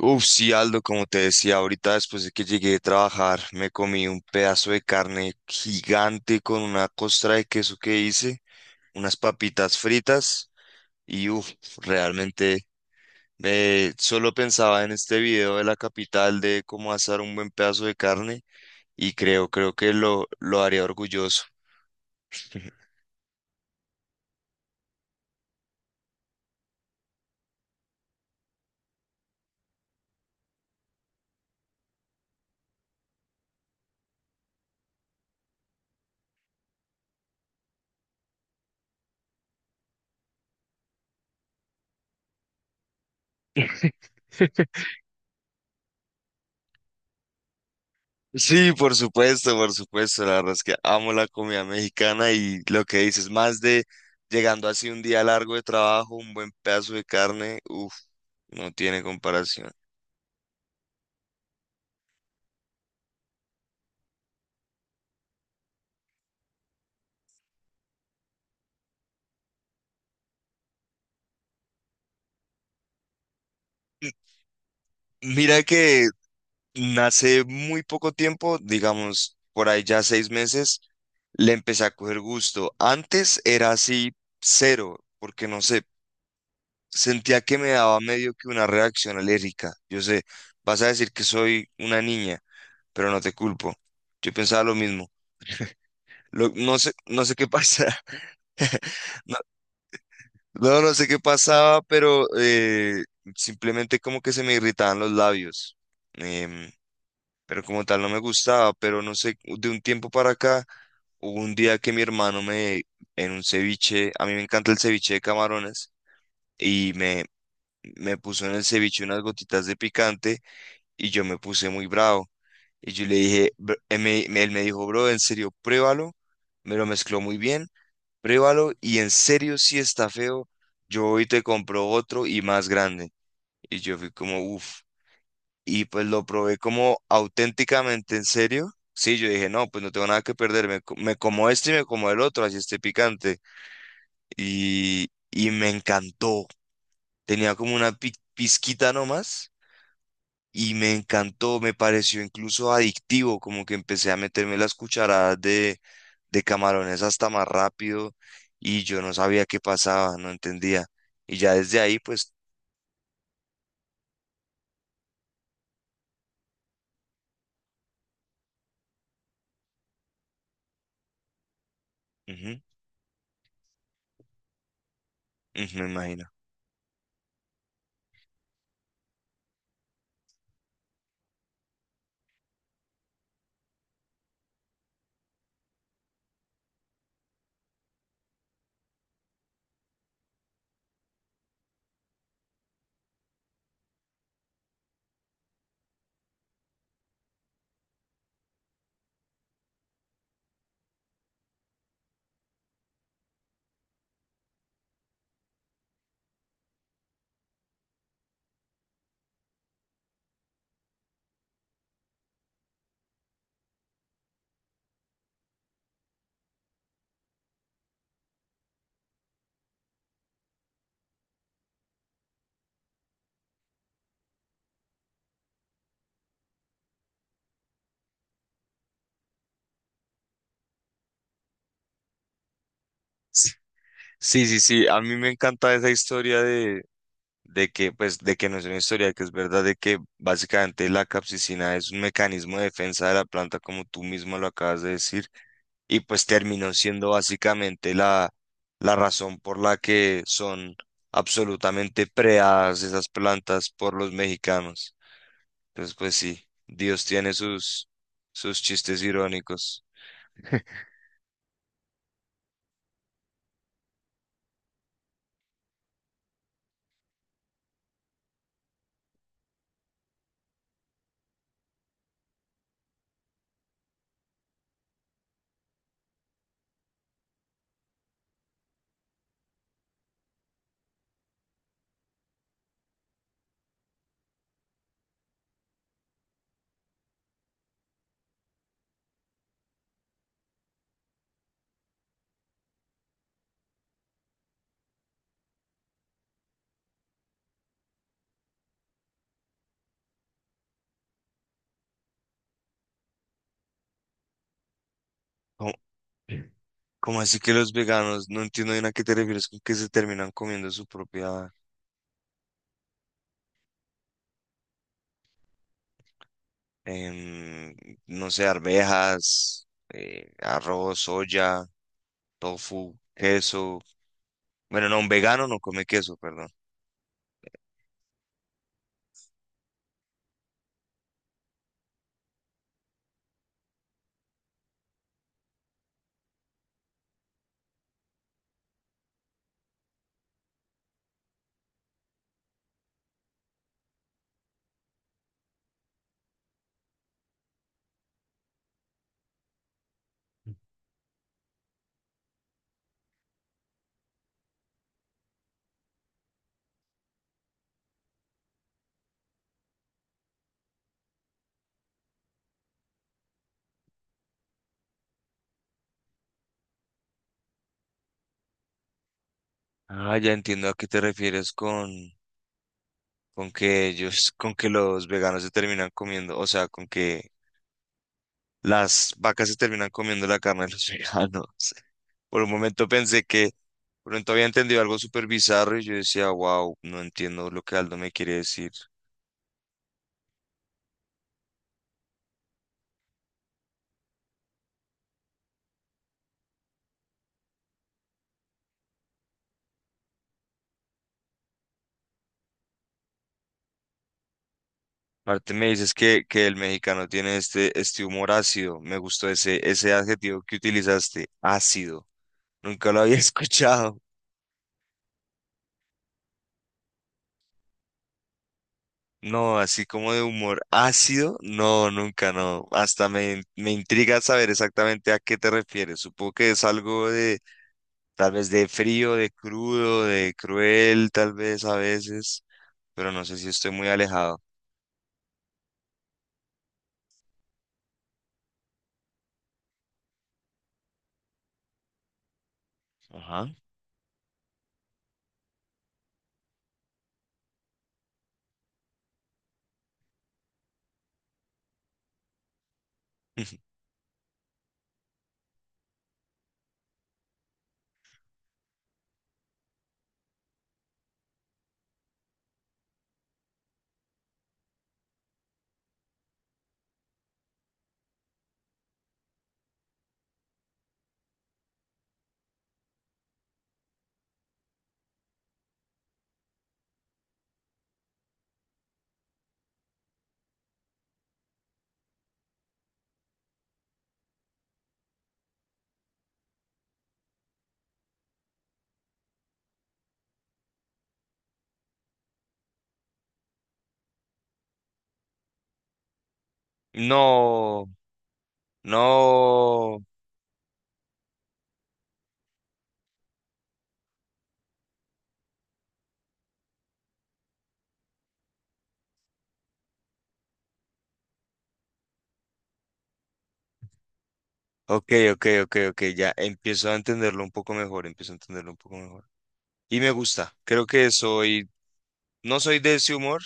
Uf, sí, Aldo, como te decía ahorita, después de que llegué a trabajar, me comí un pedazo de carne gigante con una costra de queso que hice, unas papitas fritas y uf, realmente solo pensaba en este video de la capital de cómo asar un buen pedazo de carne y creo que lo haría orgulloso. Sí, por supuesto, por supuesto. La verdad es que amo la comida mexicana y lo que dices, más de llegando así un día largo de trabajo, un buen pedazo de carne, uff, no tiene comparación. M- Mira que nace muy poco tiempo, digamos, por ahí ya 6 meses, le empecé a coger gusto. Antes era así cero, porque no sé, sentía que me daba medio que una reacción alérgica. Yo sé, vas a decir que soy una niña, pero no te culpo. Yo pensaba lo mismo. No sé, no sé qué pasa. No, no, no sé qué pasaba, pero simplemente como que se me irritaban los labios. Em, pero como tal no me gustaba, pero no sé, de un tiempo para acá, hubo un día que mi hermano me, en un ceviche, a mí me encanta el ceviche de camarones, y me puso en el ceviche unas gotitas de picante y yo me puse muy bravo. Y yo le dije, él me, él me dijo, bro, en serio, pruébalo. Me lo mezcló muy bien, pruébalo. Y en serio, si está feo, yo hoy te compro otro y más grande. Y yo fui como, uff. Y pues lo probé como auténticamente en serio. Sí, yo dije, no, pues no tengo nada que perder. Me, me como este y me como el otro, así esté picante. Y me encantó. Tenía como una pizquita nomás y me encantó, me pareció incluso adictivo, como que empecé a meterme las cucharadas de camarones hasta más rápido y yo no sabía qué pasaba, no entendía. Y ya desde ahí, pues, ujú, ujú, me imagino. Sí, sí, sí, sí, a mí me encanta esa historia de que, pues, de que no es una historia, que es verdad de que básicamente la capsicina es un mecanismo de defensa de la planta, como tú mismo lo acabas de decir. Y pues terminó siendo básicamente la, la razón por la que son absolutamente preadas esas plantas por los mexicanos. Entonces, pues sí, Dios tiene sus, sus chistes irónicos. ¿Cómo, cómo así que los veganos? No entiendo bien a qué te refieres con que se terminan comiendo su propia, em, no sé, arvejas, arroz, soya, tofu, queso. Bueno, no, un vegano no come queso, perdón. Ah, ya entiendo a qué te refieres con que ellos, con que los veganos se terminan comiendo, o sea, con que las vacas se terminan comiendo la carne de los veganos. Por un momento pensé que pronto había entendido algo súper bizarro y yo decía, wow, no entiendo lo que Aldo me quiere decir. Aparte me dices que el mexicano tiene este, este humor ácido. Me gustó ese, ese adjetivo que utilizaste, ácido. Nunca lo había escuchado. No, así como de humor ácido, no, nunca, no. Hasta me, me intriga saber exactamente a qué te refieres. Supongo que es algo de, tal vez de frío, de crudo, de cruel, tal vez a veces, pero no sé si estoy muy alejado. Ajá. No, no. Ok, ok, ok, ok, ya empiezo a entenderlo un poco mejor, empiezo a entenderlo un poco mejor. Y me gusta, creo que soy. No soy de ese humor,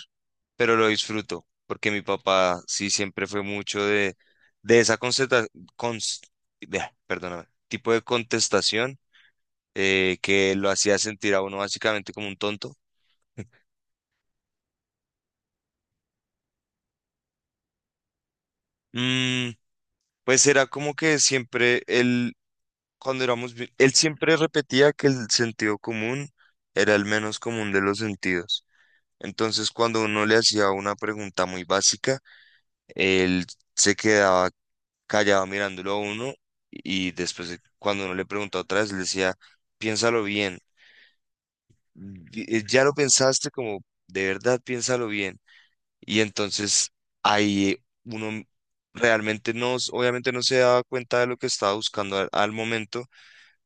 pero lo disfruto, porque mi papá sí siempre fue mucho de esa cons- de- perdóname, tipo de contestación que lo hacía sentir a uno básicamente como un tonto. Mm, pues era como que siempre él, cuando éramos, él siempre repetía que el sentido común era el menos común de los sentidos. Entonces, cuando uno le hacía una pregunta muy básica, él se quedaba callado mirándolo a uno y cuando uno le preguntó otra vez, le decía, piénsalo bien, ya lo pensaste como de verdad, piénsalo bien. Y entonces ahí uno realmente no, obviamente no se daba cuenta de lo que estaba buscando al, al momento,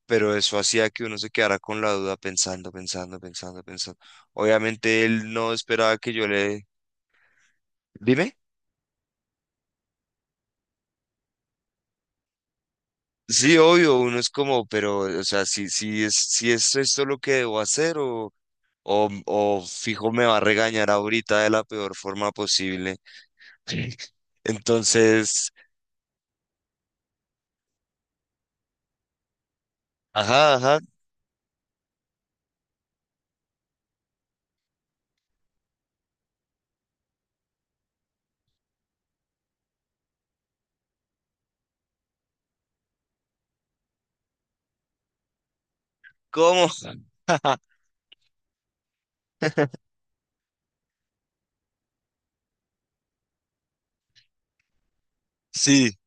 pero eso hacía que uno se quedara con la duda pensando, pensando, pensando, pensando. Obviamente él no esperaba que yo le... Dime. Sí, obvio, uno es como, pero, o sea, si, si es, si es esto lo que debo hacer o fijo me va a regañar ahorita de la peor forma posible. Entonces, ajá, ajá, ¿cómo? Sí,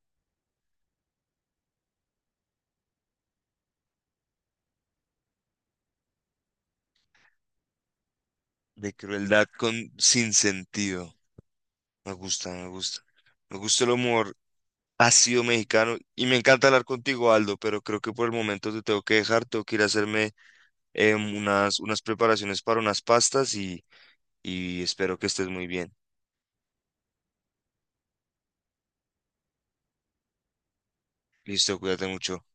de crueldad con sin sentido. Me gusta, me gusta. Me gusta el humor ácido mexicano y me encanta hablar contigo, Aldo, pero creo que por el momento te tengo que dejar, tengo que ir a hacerme unas, unas preparaciones para unas pastas y espero que estés muy bien. Listo, cuídate mucho.